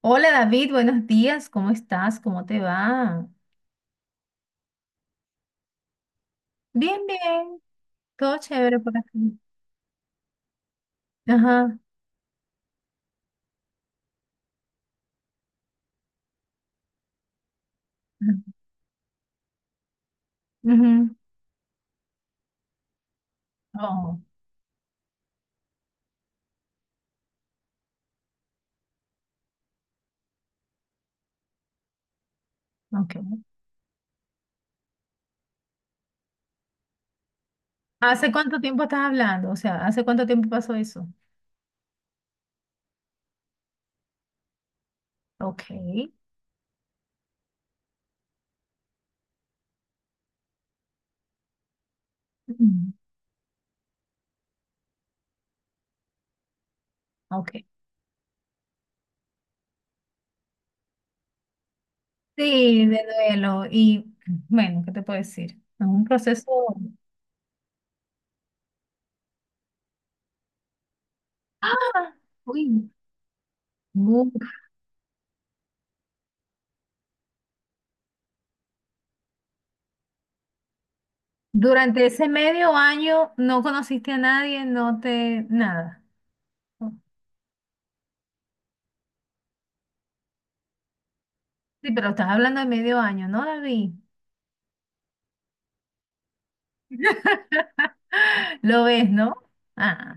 Hola David, buenos días, ¿cómo estás? ¿Cómo te va? Bien, bien, todo chévere por aquí. Ajá. Ujú. Oh, ok. ¿Hace cuánto tiempo estás hablando? O sea, ¿hace cuánto tiempo pasó eso? Ok. Mm, ok. Sí, de duelo. Bueno, ¿qué te puedo decir? Es un proceso. ¡Ah! Uy. bu- Durante ese medio año no conociste a nadie, no te, nada. Sí, pero estás hablando de medio año, ¿no, David? Lo ves, ¿no? Ah,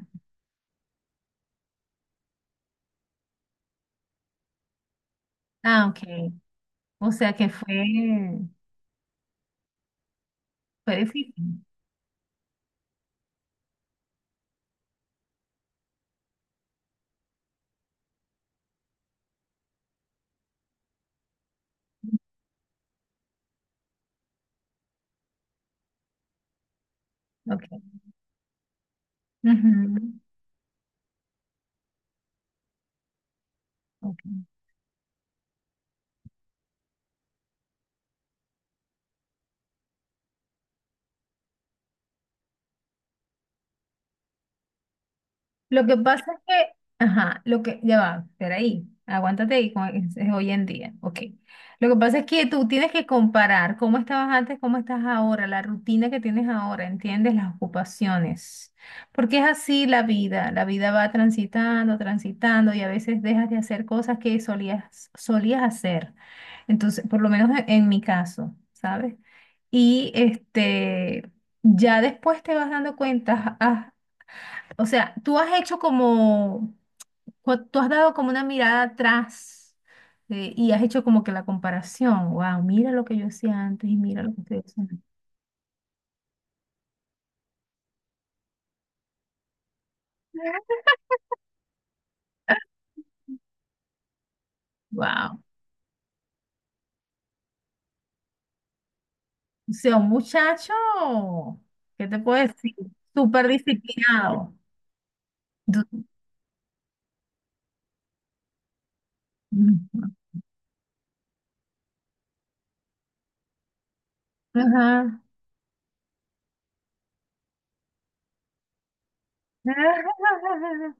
ah, ok. O sea que fue, fue difícil. Ok. Ujú, ok. Lo que pasa es que, ajá, lo que, ya va, espera ahí, aguántate ahí, como es hoy en día, ok. Lo que pasa es que tú tienes que comparar cómo estabas antes, cómo estás ahora, la rutina que tienes ahora, ¿entiendes? Las ocupaciones. Porque es así la vida va transitando, transitando y a veces dejas de hacer cosas que solías, solías hacer. Entonces, por lo menos en mi caso, ¿sabes? Y este, ya después te vas dando cuenta, o sea, tú has hecho como, tú has dado como una mirada atrás y has hecho como que la comparación. Wow, mira lo que yo hacía antes y mira lo que estoy haciendo. Wow. O sea, un muchacho, ¿qué te puedo decir? Súper disciplinado. Du- Ujú. Ajá.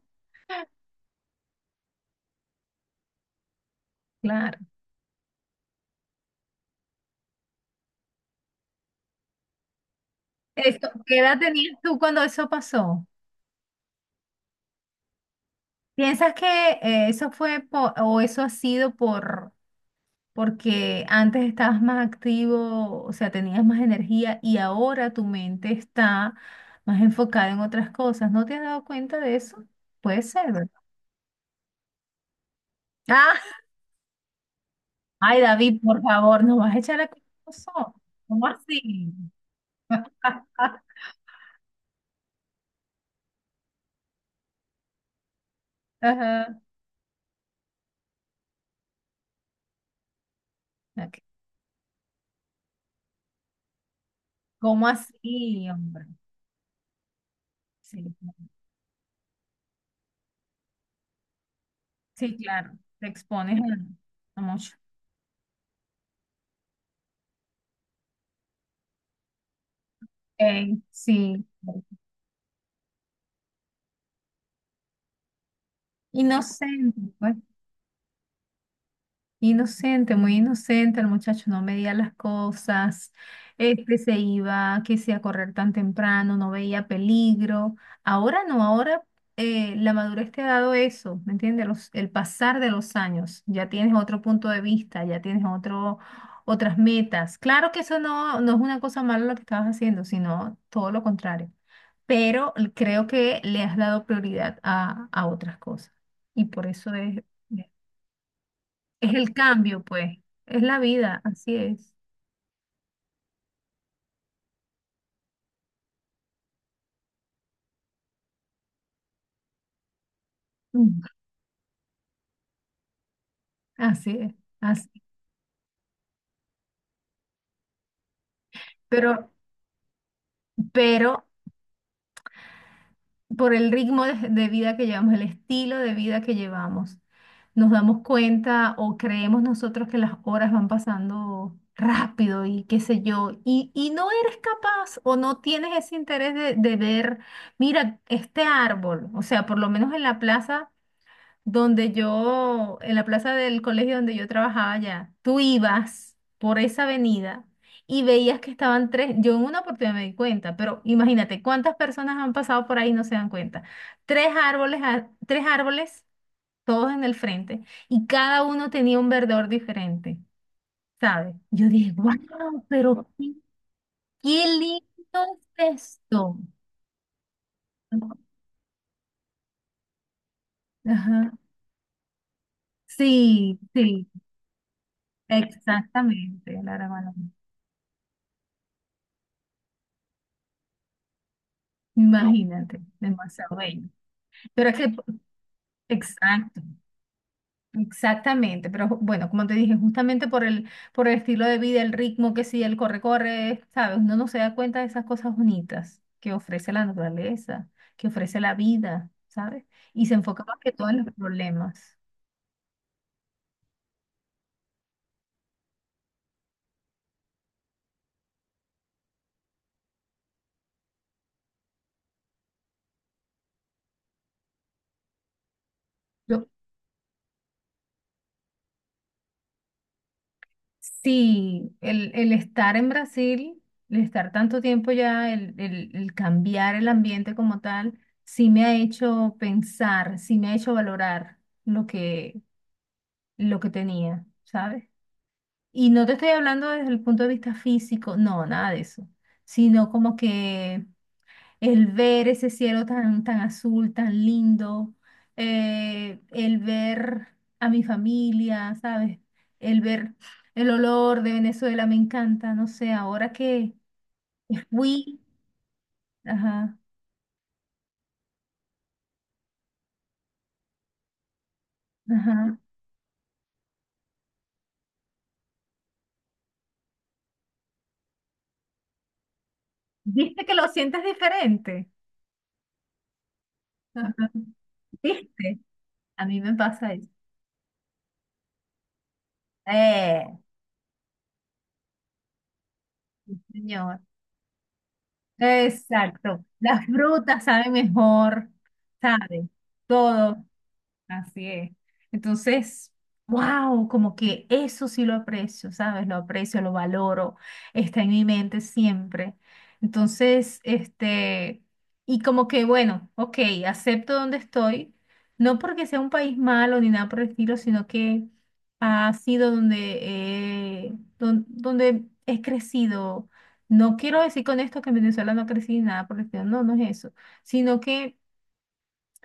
Claro. Esto, ¿qué edad tenías tú cuando eso pasó? ¿Piensas que eso fue por, o eso ha sido por porque antes estabas más activo, o sea, tenías más energía y ahora tu mente está más enfocada en otras cosas? ¿No te has dado cuenta de eso? Puede ser, ¿verdad? Ah, ay, David, por favor, nos vas a echar la culpa a nosotros. ¿Cómo así? Ajá, ok. ¿Cómo así, hombre? Sí, sí, claro, te expones a mucho. Ey, sí, inocente, pues. Inocente, muy inocente, el muchacho no medía las cosas, este se iba, que se a correr tan temprano, no veía peligro. Ahora no, ahora la madurez te ha dado eso, ¿me entiendes? El pasar de los años, ya tienes otro punto de vista, ya tienes otro, otras metas. Claro que eso no, no es una cosa mala lo que estabas haciendo, sino todo lo contrario, pero creo que le has dado prioridad a otras cosas y por eso es... Es el cambio, pues, es la vida, así es. Mm. Así es, así. Pero, pero por el ritmo de vida que llevamos, el estilo de vida que llevamos, nos damos cuenta o creemos nosotros que las horas van pasando rápido y qué sé yo, y no eres capaz o no tienes ese interés de ver, mira, este árbol, o sea, por lo menos en la plaza. Donde yo, en la plaza del colegio donde yo trabajaba ya tú ibas por esa avenida y veías que estaban tres, yo en una oportunidad me di cuenta, pero imagínate cuántas personas han pasado por ahí y no se dan cuenta. Tres árboles, tres árboles, todos en el frente, y cada uno tenía un verdor diferente, ¿sabes? Yo dije, wow, pero qué, qué lindo es esto. Ajá. Sí, sí, exactamente, Lara. Imagínate, demasiado bello. Pero es que, exacto, exactamente. Pero bueno, como te dije, justamente por el estilo de vida, el ritmo que sí, el corre, corre, ¿sabes? Uno no se da cuenta de esas cosas bonitas que ofrece la naturaleza, que ofrece la vida, ¿sabes? Y se enfoca más que todo en los problemas. Sí, el estar en Brasil, el estar tanto tiempo ya, el, el cambiar el ambiente como tal, sí me ha hecho pensar, sí me ha hecho valorar lo que, lo que tenía, ¿sabes? Y no te estoy hablando desde el punto de vista físico, no, nada de eso, sino como que el ver ese cielo tan, tan azul, tan lindo, el ver a mi familia, ¿sabes? El ver el olor de Venezuela me encanta, no sé, ahora que fui, ajá, ajá. ¿Viste que lo sientes diferente? Ajá. ¿Viste? A mí me pasa eso. Eh, señor. Exacto. Las frutas saben mejor, ¿sabes? Todo. Así es. Entonces, wow, como que eso sí lo aprecio, ¿sabes? Lo aprecio, lo valoro, está en mi mente siempre. Entonces, este, y como que, bueno, ok, acepto donde estoy, no porque sea un país malo ni nada por el estilo, sino que ha sido donde, eh, donde he crecido. No quiero decir con esto que en Venezuela no crecí ni nada por el estilo, no, no es eso, sino que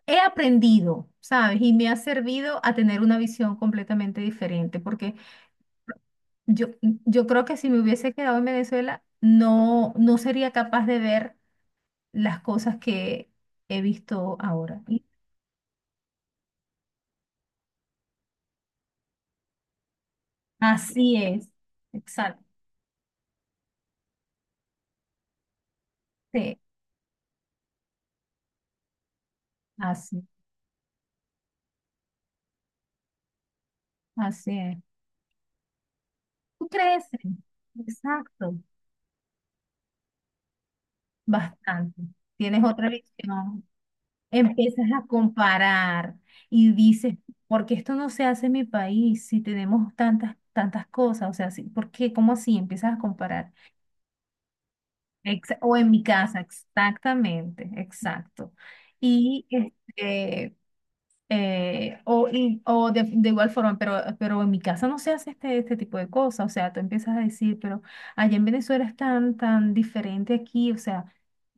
he aprendido, ¿sabes? Y me ha servido a tener una visión completamente diferente, porque yo creo que si me hubiese quedado en Venezuela, no, no sería capaz de ver las cosas que he visto ahora. Y así es, exacto. Sí, así, así es. Tú creces, exacto, bastante. Tienes otra visión. Empiezas a comparar y dices, ¿por qué esto no se hace en mi país si tenemos tantas, tantas cosas? O sea, sí, ¿por qué? ¿Cómo así? Empiezas a comparar. O en mi casa, exactamente, exacto. Y este, o de igual forma, pero en mi casa no se hace este, este tipo de cosas. O sea, tú empiezas a decir, pero allá en Venezuela es tan, tan diferente aquí. O sea,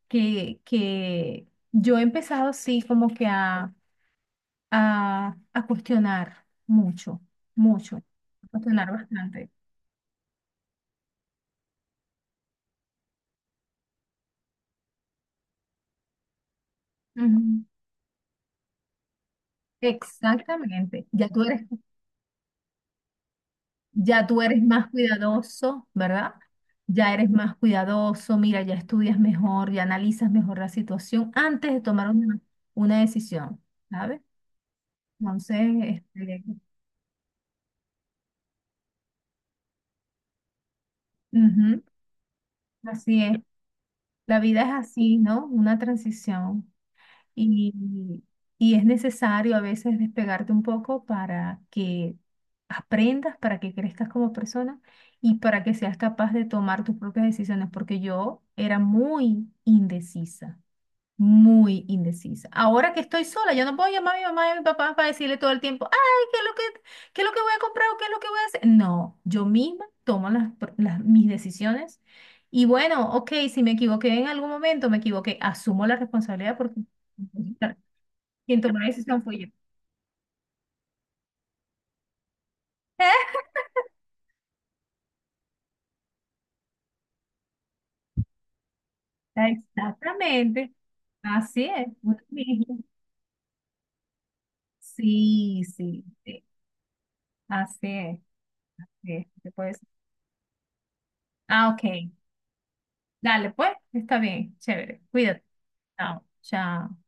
que yo he empezado, sí, como que a, a cuestionar mucho, mucho, a cuestionar bastante. Ujú. Exactamente. Ya tú eres más cuidadoso, ¿verdad? Ya eres más cuidadoso, mira, ya estudias mejor, ya analizas mejor la situación antes de tomar una decisión, ¿sabes? Entonces, este, ujú, así es. La vida es así, ¿no? Una transición. Y, y es necesario a veces despegarte un poco para que aprendas, para que crezcas como persona y para que seas capaz de tomar tus propias decisiones, porque yo era muy indecisa muy indecisa. Ahora que estoy sola, yo no puedo llamar a mi mamá y a mi papá para decirle todo el tiempo, ay, ¿qué es lo que, qué es lo que voy a comprar o qué es lo que voy a hacer? No, yo misma tomo las, mis decisiones y bueno, ok, si me equivoqué en algún momento, me equivoqué, asumo la responsabilidad porque quien tomó la decisión fue yo. Exactamente. Así es. Uno mismo. Sí, sí, sí. Así es. Sí, se puede decir. Ah, ok. Dale, pues, está bien, chévere. Cuídate. Chao, chao.